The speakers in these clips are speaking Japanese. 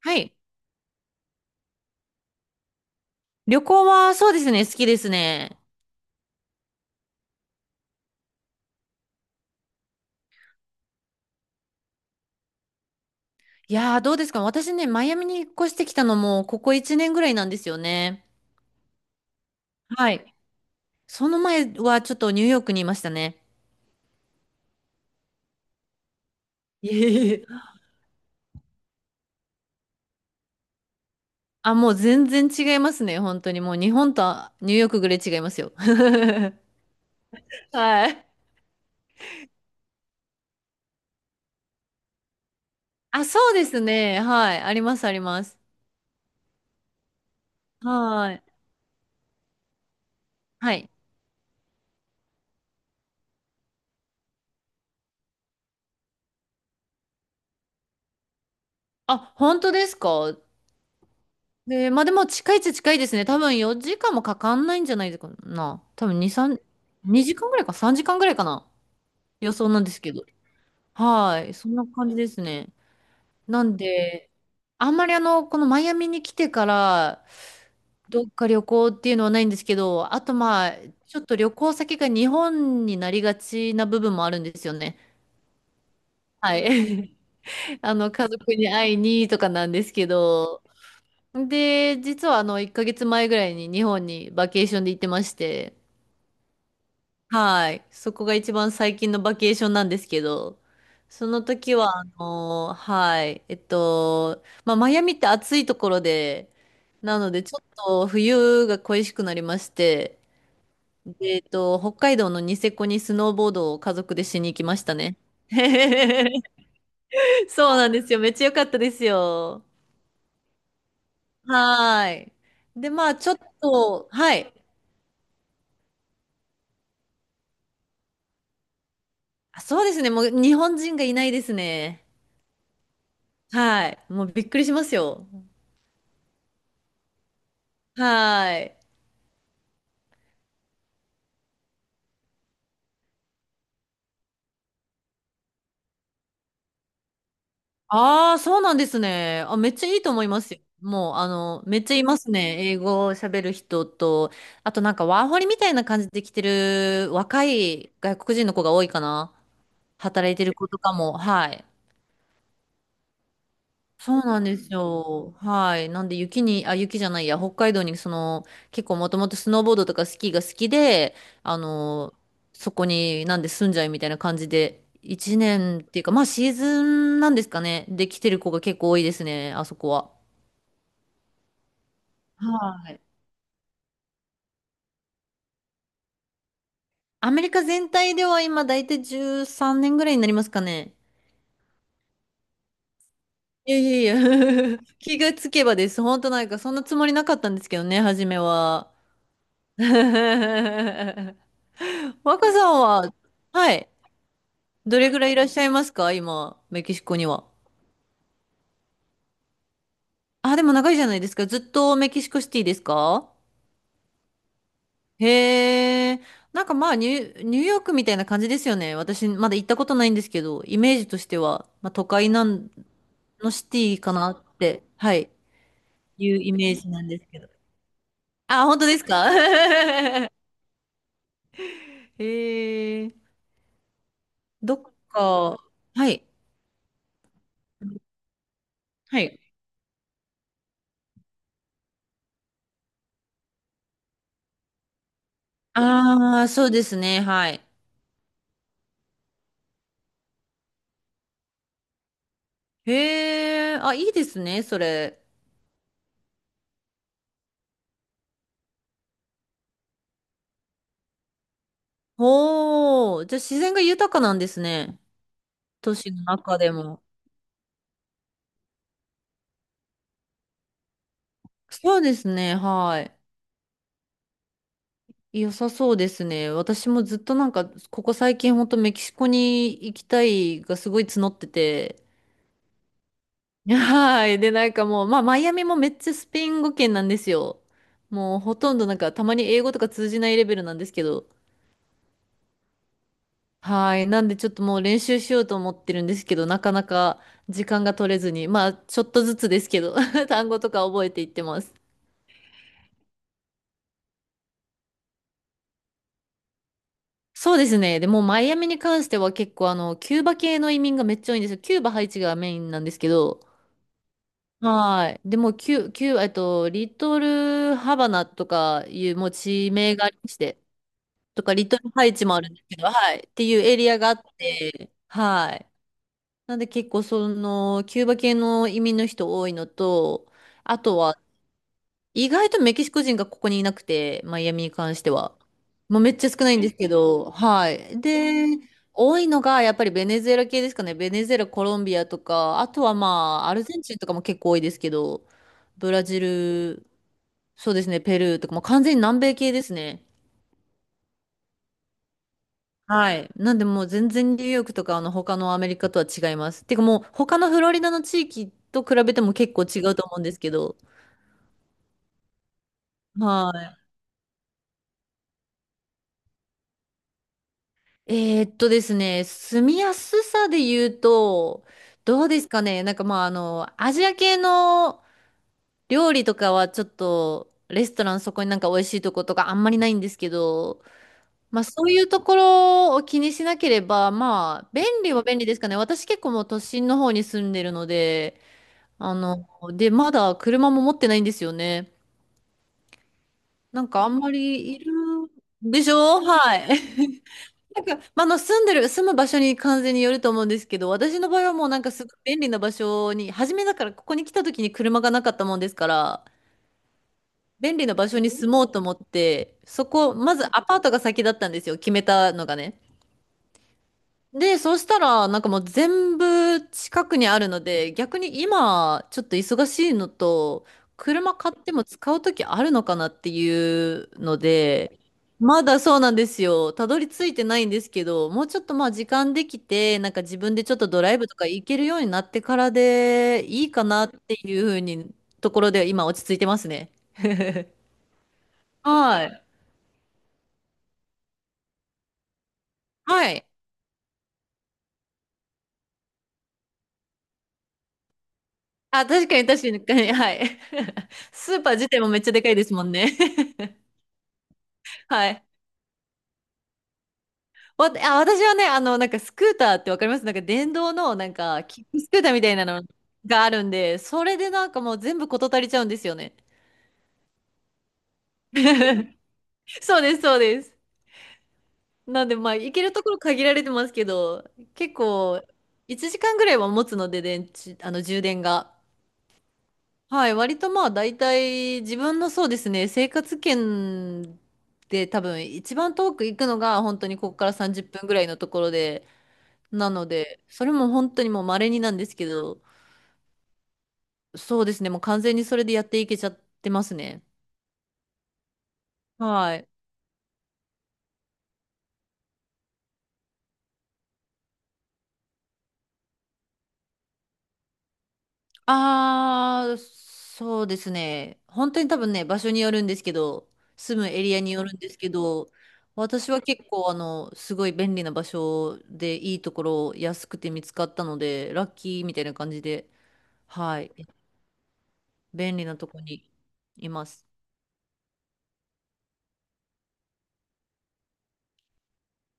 はい。旅行はそうですね、好きですね。いやー、どうですか、私ね、マイアミに引っ越してきたのも、ここ1年ぐらいなんですよね。はい。その前はちょっとニューヨークにいましたね。いえいえ。あ、もう全然違いますね、本当に。もう日本とニューヨークぐらい違いますよ。はい。あ、そうですね。はい。あります、あります。はい。はい。あ、本当ですか？で、まあでも近いっちゃ近いですね。多分4時間もかかんないんじゃないかな。多分2、3、2時間ぐらいか3時間ぐらいかな。予想なんですけど。はい。そんな感じですね。なんで、あんまり、このマイアミに来てから、どっか旅行っていうのはないんですけど、あとまあ、ちょっと旅行先が日本になりがちな部分もあるんですよね。はい。家族に会いにとかなんですけど、で、実は、1ヶ月前ぐらいに日本にバケーションで行ってまして、はい。そこが一番最近のバケーションなんですけど、その時は、はい。まあ、マイアミって暑いところで、なので、ちょっと冬が恋しくなりまして、で、北海道のニセコにスノーボードを家族でしに行きましたね。そうなんですよ。めっちゃ良かったですよ。はい。で、まあ、ちょっと、はい。あ、そうですね。もう日本人がいないですね。はい。もうびっくりしますよ。はい。ああ、そうなんですね。あ、めっちゃいいと思いますよ。もう、めっちゃいますね。英語を喋る人と、あとなんかワーホリみたいな感じで来てる若い外国人の子が多いかな。働いてる子とかも。はい。そうなんですよ。はい。なんで雪に、あ、雪じゃないや、北海道にその、結構もともとスノーボードとかスキーが好きで、あの、そこになんで住んじゃいみたいな感じで、一年っていうか、まあシーズンなんですかね。で来てる子が結構多いですね、あそこは。はい。アメリカ全体では今大体13年ぐらいになりますかね。いやいやいや。 気がつけばです。本当なんかそんなつもりなかったんですけどね、初めは。若さんは、はい、どれぐらいいらっしゃいますか今、メキシコには。あ、でも長いじゃないですか。ずっとメキシコシティですか？へえ。なんかまあ、ニューヨークみたいな感じですよね。私、まだ行ったことないんですけど、イメージとしては、まあ、都会なんのシティかなって、はい、いうイメージなんですけど。あ、本当ですか？ へえ。どっか、はい、はい。ああ、そうですね、はい。へえ、あ、いいですね、それ。おー、じゃあ自然が豊かなんですね。都市の中でも。そうですね、はい。良さそうですね。私もずっとなんか、ここ最近ほんとメキシコに行きたいがすごい募ってて。はい。で、なんかもう、まあ、マイアミもめっちゃスペイン語圏なんですよ。もうほとんどなんか、たまに英語とか通じないレベルなんですけど。はい。なんでちょっともう練習しようと思ってるんですけど、なかなか時間が取れずに、まあちょっとずつですけど、単語とか覚えていってます。そうですね。でもうマイアミに関しては結構、キューバ系の移民がめっちゃ多いんですよ。キューバ、ハイチがメインなんですけど、はい。でもうキュ、キュー、えっと、リトルハバナとかいうもう地名がありまして、とかリトルハイチもあるんですけど、はい。っていうエリアがあって、はい。なんで結構その、キューバ系の移民の人多いのと、あとは、意外とメキシコ人がここにいなくて、マイアミに関しては。もうめっちゃ少ないんですけど、はい。で、多いのがやっぱりベネズエラ系ですかね。ベネズエラ、コロンビアとか、あとはまあ、アルゼンチンとかも結構多いですけど、ブラジル、そうですね、ペルーとか、もう完全に南米系ですね。はい。なんでもう全然ニューヨークとかあの他のアメリカとは違います。てかもう他のフロリダの地域と比べても結構違うと思うんですけど。はい。ですね、住みやすさで言うと、どうですかね。なんかまあ、アジア系の料理とかはちょっと、レストランそこになんか美味しいとことかあんまりないんですけど、まあそういうところを気にしなければ、まあ便利は便利ですかね。私結構もう都心の方に住んでるので、あの、で、まだ車も持ってないんですよね。なんかあんまりいるでしょ、はい。なんか、まあ、住んでる、住む場所に完全によると思うんですけど、私の場合はもうなんかすごい便利な場所に、初めだからここに来た時に車がなかったもんですから、便利な場所に住もうと思って、そこ、まずアパートが先だったんですよ、決めたのがね。で、そしたら、なんかもう全部近くにあるので、逆に今、ちょっと忙しいのと、車買っても使うときあるのかなっていうので、まだそうなんですよ。たどり着いてないんですけど、もうちょっとまあ時間できて、なんか自分でちょっとドライブとか行けるようになってからでいいかなっていうふうに、ところで今落ち着いてますね。はい。はい。あ、確かに確かに、はい。スーパー自体もめっちゃでかいですもんね。はい。わ、あ、私はね、なんかスクーターってわかります？なんか電動の、なんか、キックスクーターみたいなのがあるんで、それでなんかもう全部事足りちゃうんですよね。そうです、そうです。なんで、まあ、行けるところ限られてますけど、結構、1時間ぐらいは持つので、電池、充電が。はい、割とまあ、大体、自分のそうですね、生活圏で多分、一番遠く行くのが、本当にここから30分ぐらいのところで、なので、それも本当にもう稀になんですけど、そうですね。もう完全にそれでやっていけちゃってますね。はい。ああ、そうですね。本当に多分ね、場所によるんですけど、住むエリアによるんですけど、私は結構、すごい便利な場所でいいところ安くて見つかったので、ラッキーみたいな感じで、はい。便利なとこにいます。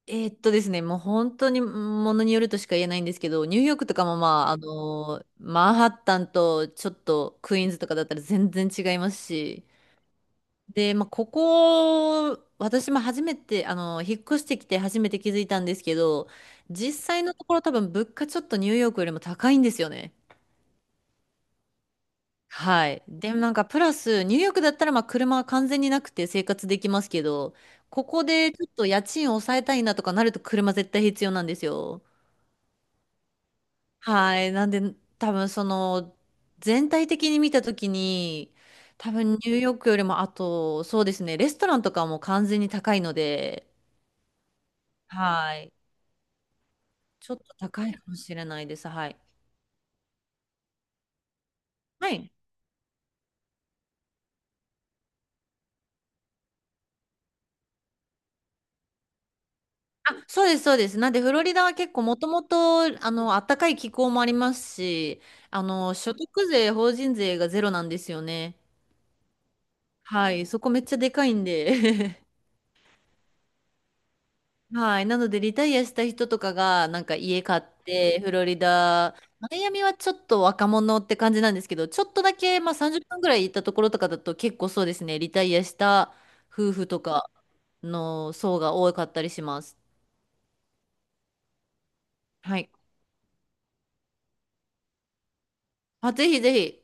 ですね、もう本当にものによるとしか言えないんですけど、ニューヨークとかもまあ、マンハッタンとちょっとクイーンズとかだったら全然違いますし、で、まあ、ここ、私も初めて、引っ越してきて初めて気づいたんですけど、実際のところ多分物価ちょっとニューヨークよりも高いんですよね。はい。で、なんかプラス、ニューヨークだったらまあ車は完全になくて生活できますけど、ここでちょっと家賃を抑えたいなとかなると車絶対必要なんですよ。はい。なんで、多分その、全体的に見たときに、多分ニューヨークよりも、あと、そうですね、レストランとかも完全に高いので、はい。ちょっと高いかもしれないです。はい。はい。そうです、そうです。なんで、フロリダは結構もともと、暖かい気候もありますし、所得税、法人税がゼロなんですよね。はい。そこめっちゃでかいんで。 はい。なので、リタイアした人とかが、なんか家買って、フロリダ、マイアミはちょっと若者って感じなんですけど、ちょっとだけ、まあ30分ぐらい行ったところとかだと結構そうですね、リタイアした夫婦とかの層が多かったりします。はい。まあ、ぜひぜひ。